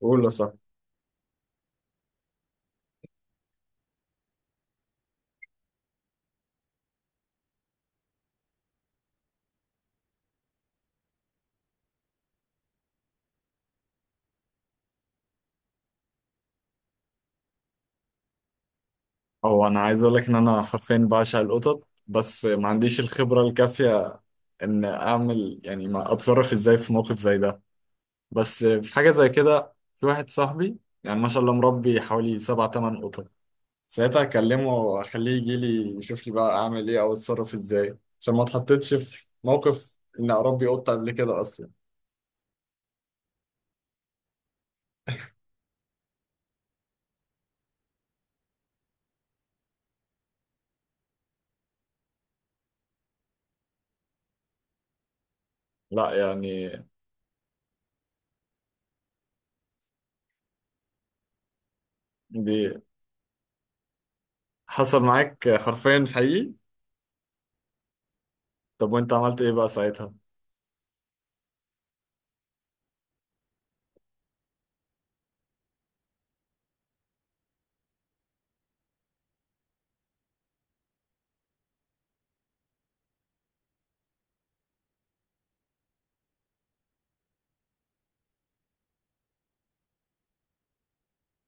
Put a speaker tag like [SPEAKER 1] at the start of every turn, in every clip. [SPEAKER 1] قول يا صاحبي. هو انا عايز اقول لك ان انا حرفيا بعشق القطط، بس ما عنديش الخبره الكافيه ان اعمل، يعني ما اتصرف ازاي في موقف زي ده. بس في حاجه زي كده، في واحد صاحبي يعني ما شاء الله مربي حوالي سبع تمن قطط. ساعتها اكلمه واخليه يجي لي يشوف لي بقى اعمل ايه او اتصرف ازاي، عشان ما اتحطيتش في موقف ان اربي قطه قبل كده اصلا. لا يعني. دي. حصل معاك حرفيا، حقيقي. طب وانت عملت ايه بقى ساعتها؟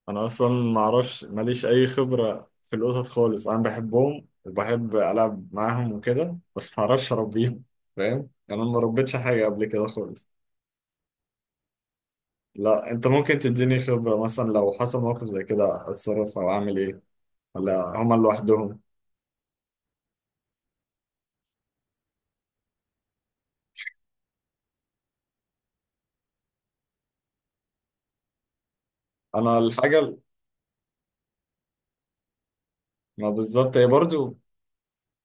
[SPEAKER 1] انا اصلا ما اعرفش، ماليش اي خبره في القطط خالص، انا بحبهم وبحب العب معاهم وكده، بس ما اعرفش اربيهم. فاهم؟ يعني انا ما ربيتش حاجه قبل كده خالص. لا، انت ممكن تديني خبره مثلا لو حصل موقف زي كده اتصرف او اعمل ايه، ولا هما لوحدهم؟ انا الحاجه ما بالظبط، هي برضو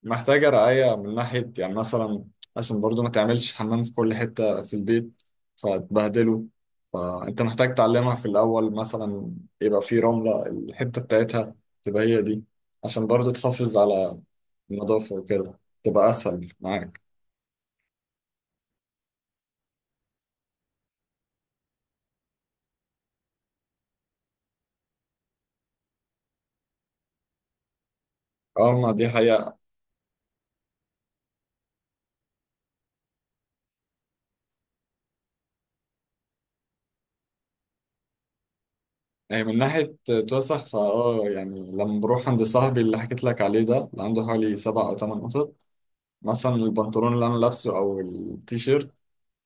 [SPEAKER 1] محتاجة رعاية من ناحية، يعني مثلا عشان برضو ما تعملش حمام في كل حتة في البيت فتبهدله، فأنت محتاج تعلمها في الأول، مثلا يبقى في رملة الحتة بتاعتها، تبقى هي دي، عشان برضو تحافظ على النظافة، وكده تبقى أسهل معاك. اه، ما دي حقيقة. يعني من ناحية توسخ، فاه يعني لما بروح عند صاحبي اللي حكيت لك عليه، ده اللي عنده حوالي سبع أو تمن قطط، مثلا البنطلون اللي أنا لابسه أو التيشيرت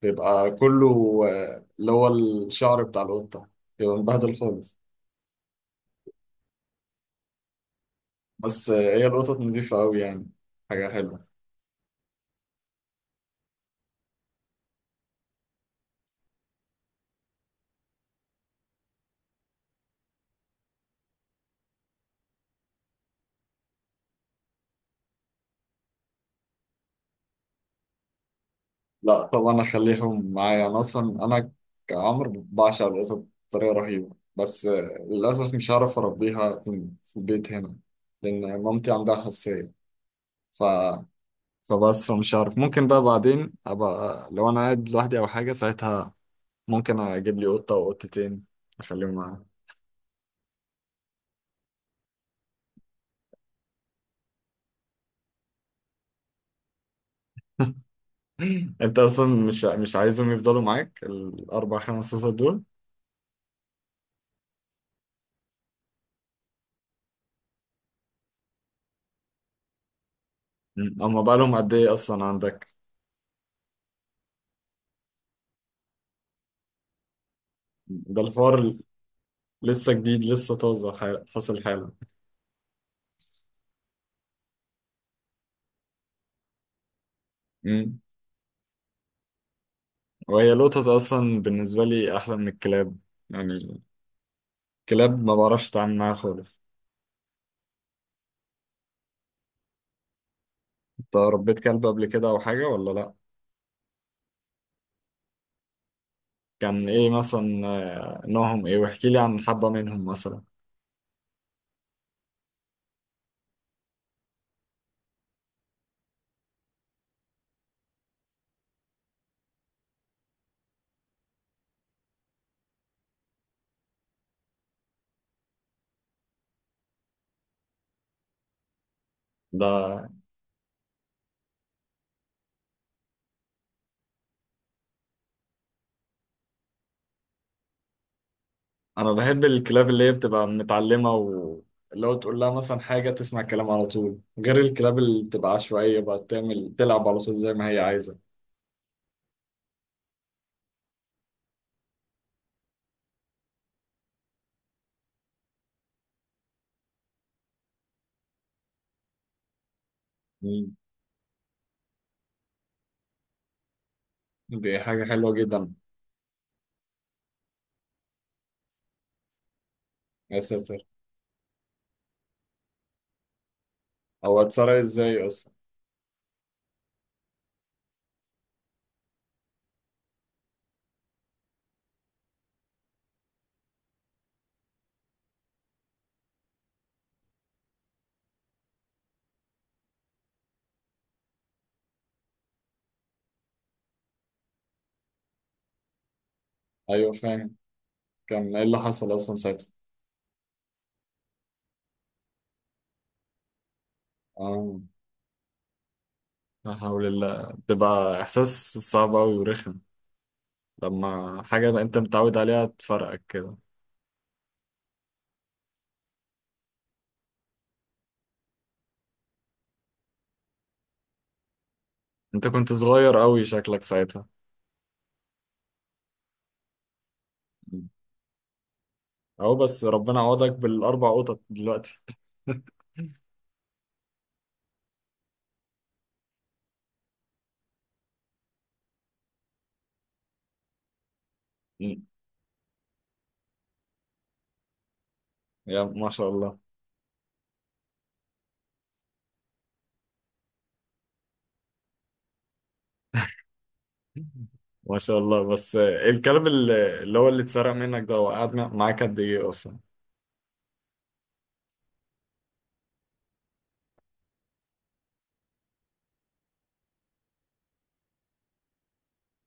[SPEAKER 1] بيبقى كله، اللي هو الشعر بتاع القطة، بيبقى مبهدل خالص. بس هي القطط نظيفة أوي يعني، حاجة حلوة. لا طبعا أخليهم معايا. أنا أصلا. أنا كعمر بعشق القطط بطريقة رهيبة، بس للأسف مش هعرف أربيها في البيت هنا لأن مامتي عندها حساسية. ف... فمش عارف، ممكن بقى بعدين أبقى لو أنا قاعد لوحدي أو حاجة ساعتها، ممكن أجيب لي قطة أو قطتين، أخليهم معايا. انت اصلا مش عايزهم يفضلوا معاك الاربع خمس قصص دول؟ مم. اما بقى لهم قد ايه اصلا عندك؟ ده الحوار لسه جديد، لسه طازه، حاصل حالا. مم. وهي القطط اصلا بالنسبه لي احلى من الكلاب، يعني الكلاب ما بعرفش اتعامل معاها خالص. انت ربيت كلب قبل كده او حاجه ولا لا؟ كان ايه مثلا، نوعهم ايه؟ واحكي لي عن حبه منهم مثلا. ده، انا بحب الكلاب اللي هي بتبقى متعلمه، واللي هو تقول لها مثلا حاجه تسمع الكلام على طول، غير الكلاب اللي بتبقى عشوائيه بقى تعمل تلعب على طول زي ما هي عايزه. مم. دي حاجه حلوه جدا. يا ساتر، هو اتسرق ازاي اصلا؟ ايوه، فاهم. كان ايه اللي حصل اصلا ساعتها؟ اه، لا حول الله، بتبقى احساس صعب قوي ورخم لما حاجه بقى انت متعود عليها تفرقك كده. انت كنت صغير قوي شكلك ساعتها. مم. اهو بس ربنا عوضك بالاربع قطط دلوقتي. يا ما شاء الله. ما شاء الله، بس الكلب اللي اتسرق منك ده، هو قعد معاك قد ايه اصلا؟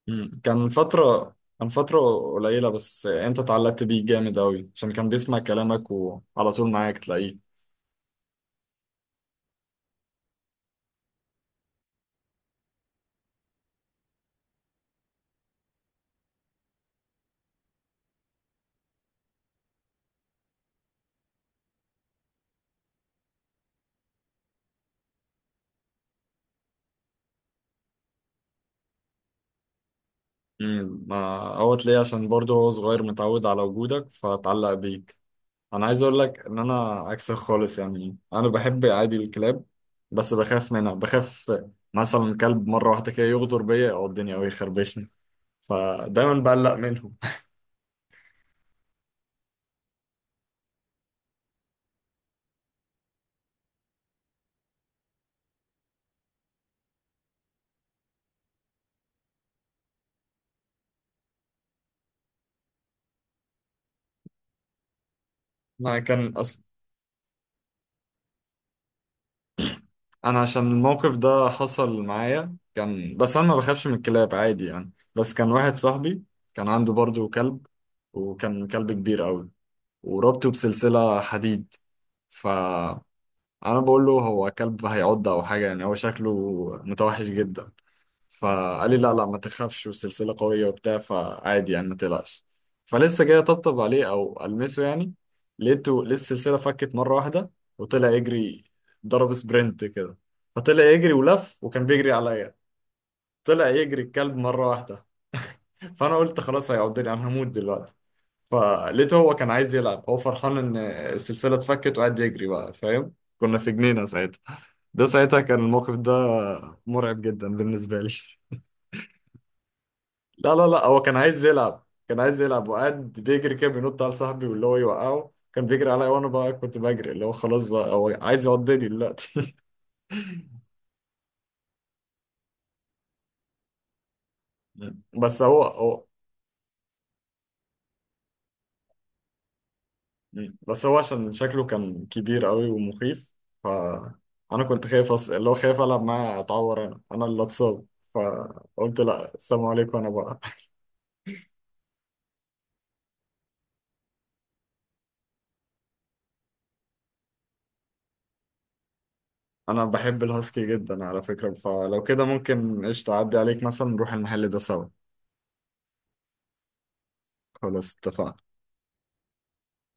[SPEAKER 1] مم. كان فترة قليلة، بس انت اتعلقت بيه جامد قوي عشان كان بيسمع كلامك وعلى طول معاك تلاقيه. مم. ما هو تلاقيه عشان برضه هو صغير متعود على وجودك فاتعلق بيك. انا عايز اقول لك ان انا عكسك خالص، يعني انا بحب عادي الكلاب، بس بخاف منها، بخاف مثلا كلب مرة واحدة كده يغدر بيا او الدنيا او يخربشني، فدايما بقلق منهم. انا كان اصلا. انا عشان الموقف ده حصل معايا، كان بس انا ما بخافش من الكلاب عادي يعني، بس كان واحد صاحبي كان عنده برضه كلب، وكان كلب كبير قوي وربطه بسلسلة حديد. فانا بقول له هو كلب هيعض او حاجة يعني، هو شكله متوحش جدا. فقال لي لا لا، ما تخافش، والسلسلة قوية وبتاع، فعادي يعني ما تقلقش. فلسه جاي اطبطب عليه او المسه يعني، لقيته لسه السلسلة فكت مرة واحدة وطلع يجري، ضرب سبرنت كده. فطلع يجري ولف وكان بيجري عليا. طلع يجري الكلب مرة واحدة. فانا قلت خلاص هيعضني، انا هموت دلوقتي. فلقيته هو كان عايز يلعب، هو فرحان ان السلسلة اتفكت وقعد يجري بقى، فاهم، كنا في جنينة ساعتها، ده ساعتها كان الموقف ده مرعب جدا بالنسبة لي. لا لا لا، هو كان عايز يلعب، كان عايز يلعب وقعد بيجري كده بينط على صاحبي واللي هو يوقعه، كان بيجري عليا وانا بقى كنت بجري، اللي هو خلاص بقى هو عايز يقضيني دلوقتي. مم. بس هو. مم. بس هو عشان شكله كان كبير قوي ومخيف، ف انا كنت خايف اللي هو خايف العب معاه اتعور، انا اللي اتصاب. فقلت لا، السلام عليكم، انا بقى. انا بحب الهاسكي جدا على فكرة، فلو كده ممكن قشطة اعدي عليك مثلا نروح المحل ده سوا. خلاص اتفقنا.